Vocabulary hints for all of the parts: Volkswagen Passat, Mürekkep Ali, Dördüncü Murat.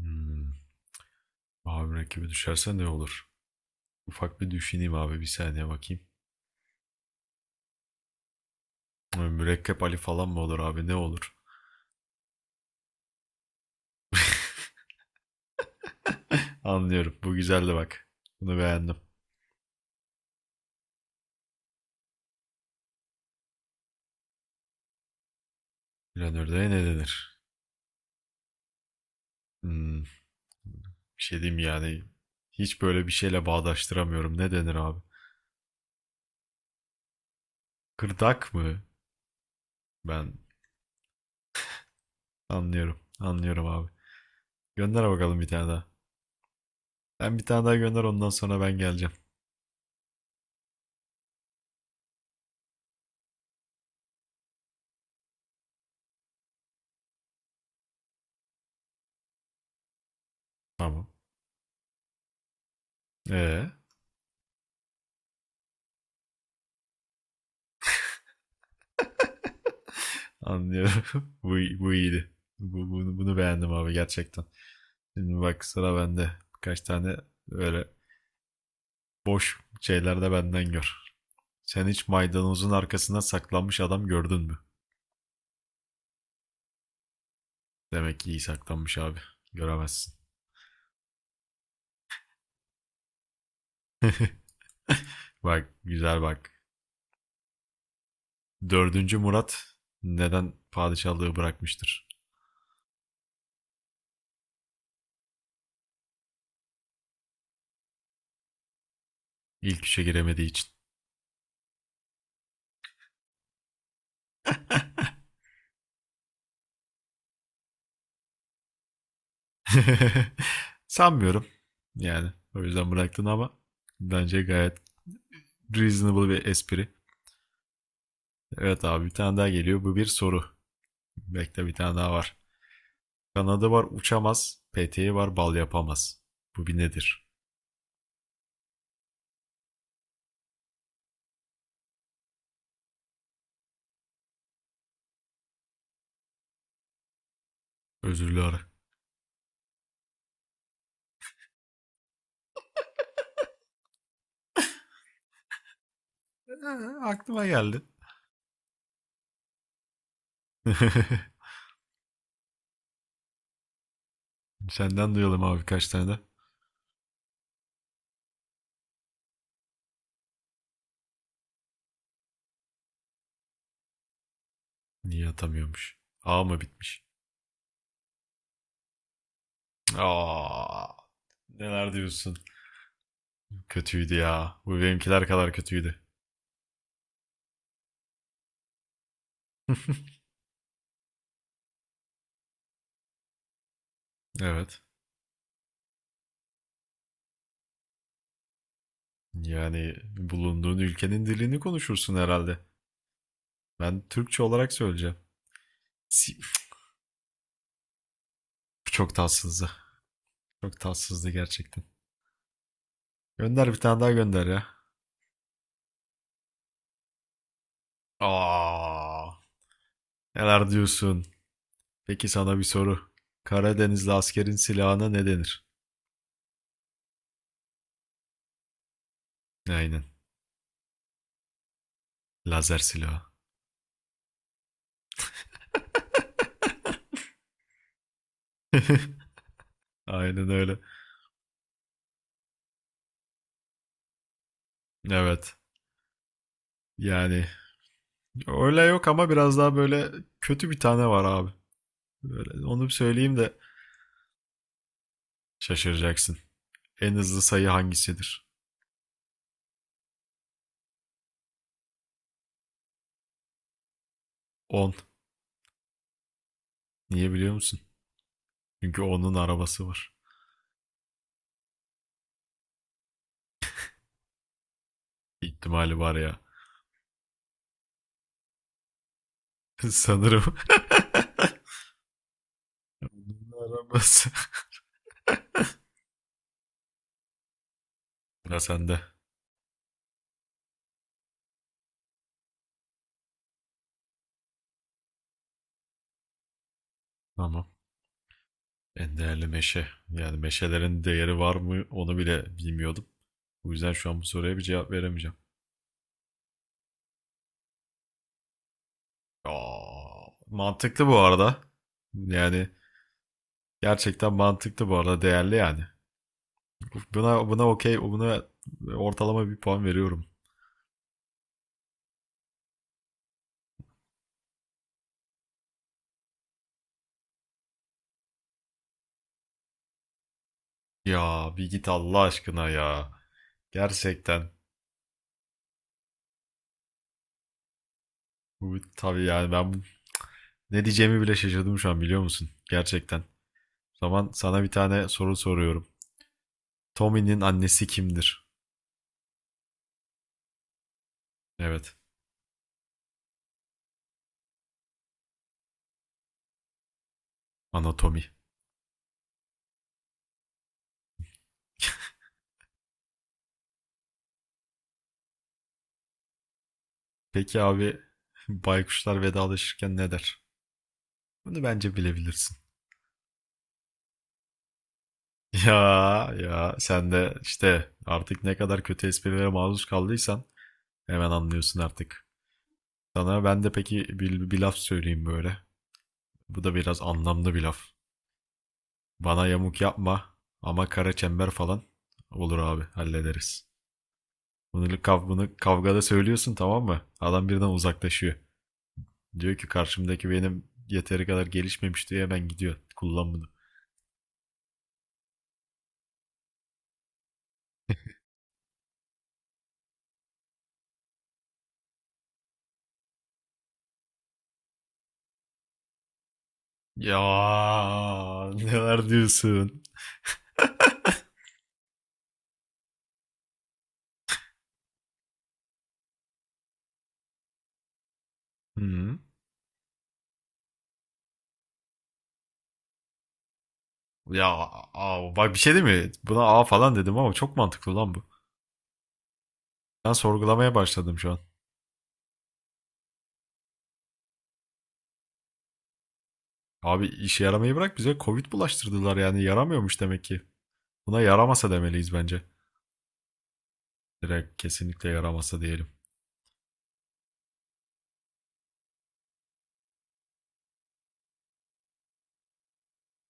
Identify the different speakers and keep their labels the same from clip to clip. Speaker 1: Hmm. Abi rakibi düşerse ne olur? Ufak bir düşüneyim abi bir saniye bakayım. Ay, Mürekkep Ali falan mı olur abi ne olur? Anlıyorum. Bu güzeldi bak. Bunu beğendim. Planörde ne denir? Hmm. Bir şey diyeyim yani. Hiç böyle bir şeyle bağdaştıramıyorum. Ne denir abi? Kırdak mı? Ben anlıyorum. Anlıyorum abi. Gönder bakalım bir tane daha. Ben bir tane daha gönder ondan sonra ben geleceğim. Tamam. Ee, anlıyorum. Bu iyiydi. Bu, bunu beğendim abi gerçekten. Şimdi bak sıra bende. Birkaç tane böyle boş şeyler de benden gör. Sen hiç maydanozun arkasına saklanmış adam gördün mü? Demek ki iyi saklanmış abi. Göremezsin. Bak güzel bak. Dördüncü Murat neden padişahlığı bırakmıştır? İlk üçe giremediği için. Sanmıyorum. Yani o yüzden bıraktın ama bence gayet reasonable bir espri. Evet abi bir tane daha geliyor. Bu bir soru. Bekle bir tane daha var. Kanadı var uçamaz. Peteği var bal yapamaz. Bu bir nedir? Özürlü ara. Ee, aklıma geldi. Senden duyalım abi kaç tane. Niye atamıyormuş? A mı bitmiş? Aa, neler diyorsun? Kötüydü ya. Bu benimkiler kadar kötüydü. evet. Yani bulunduğun ülkenin dilini konuşursun herhalde. Ben Türkçe olarak söyleyeceğim. Si- Çok tatsızdı. Çok tatsızdı gerçekten. Gönder bir tane daha gönder ya. Aa, neler diyorsun? Peki sana bir soru. Karadenizli askerin silahına ne denir? Aynen. Lazer silahı. Aynen öyle. Evet. Yani öyle yok ama biraz daha böyle kötü bir tane var abi. Böyle, onu bir söyleyeyim de şaşıracaksın. En hızlı sayı hangisidir? 10. Niye biliyor musun? Çünkü onun arabası var. İhtimali var ya. Sanırım. Onun arabası. Ya sende. Tamam. En değerli meşe. Yani meşelerin değeri var mı onu bile bilmiyordum. Bu yüzden şu an bu soruya bir cevap veremeyeceğim. Aa, mantıklı bu arada. Yani gerçekten mantıklı bu arada değerli yani. Buna okey, buna ortalama bir puan veriyorum. Ya bir git Allah aşkına ya. Gerçekten. Bu tabii yani ben ne diyeceğimi bile şaşırdım şu an biliyor musun? Gerçekten. O zaman sana bir tane soru soruyorum. Tommy'nin annesi kimdir? Evet, anatomi. Peki abi baykuşlar vedalaşırken ne der? Bunu bence bilebilirsin. Ya ya sen de işte artık ne kadar kötü esprilere maruz kaldıysan hemen anlıyorsun artık. Sana ben de peki bir laf söyleyeyim böyle. Bu da biraz anlamlı bir laf. Bana yamuk yapma ama kara çember falan olur abi hallederiz. Bunu, bunu kavgada söylüyorsun tamam mı? Adam birden uzaklaşıyor. Diyor ki karşımdaki benim yeteri kadar gelişmemiş diye ben gidiyor. Kullan bunu. Ya neler diyorsun? Hı. Ya aa, bak bir şey değil mi? Buna A falan dedim ama çok mantıklı lan bu. Ben sorgulamaya başladım şu an. Abi işe yaramayı bırak bize Covid bulaştırdılar yani yaramıyormuş demek ki. Buna yaramasa demeliyiz bence. Direkt kesinlikle yaramasa diyelim.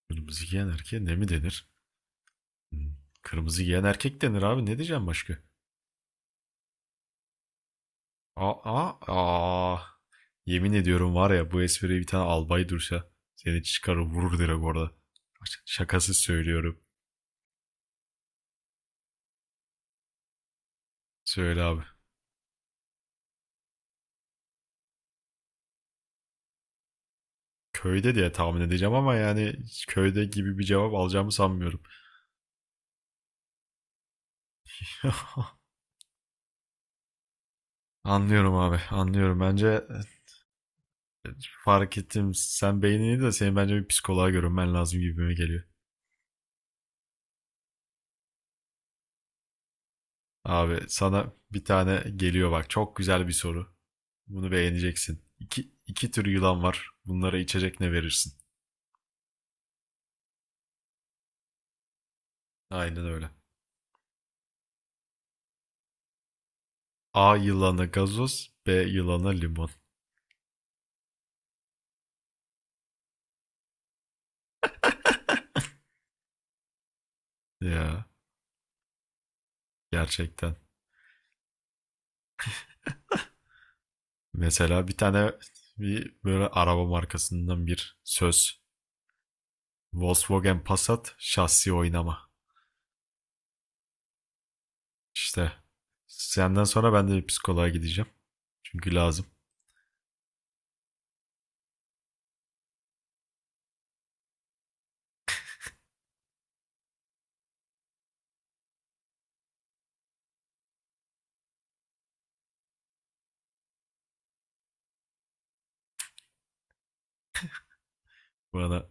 Speaker 1: Kırmızı giyen erkeğe ne mi denir? Hı. Kırmızı giyen erkek denir abi ne diyeceğim başka? Aa, aa. Yemin ediyorum var ya bu espriyi bir tane albay dursa seni çıkarır vurur direkt orada. Şakasız söylüyorum. Söyle abi. Köyde diye tahmin edeceğim ama yani köyde gibi bir cevap alacağımı sanmıyorum. Anlıyorum abi, anlıyorum. Bence fark ettim. Sen beynini de senin bence bir psikoloğa görünmen lazım gibime geliyor. Abi sana bir tane geliyor bak. Çok güzel bir soru. Bunu beğeneceksin. İki tür yılan var. Bunlara içecek ne verirsin? Aynen öyle. A yılanı gazoz, B yılanı limon. Ya gerçekten. Mesela bir tane bir böyle araba markasından bir söz. Volkswagen Passat şahsi oynama. İşte senden sonra ben de bir psikoloğa gideceğim. Çünkü lazım. Bana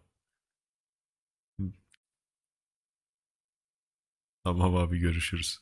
Speaker 1: tamam abi görüşürüz.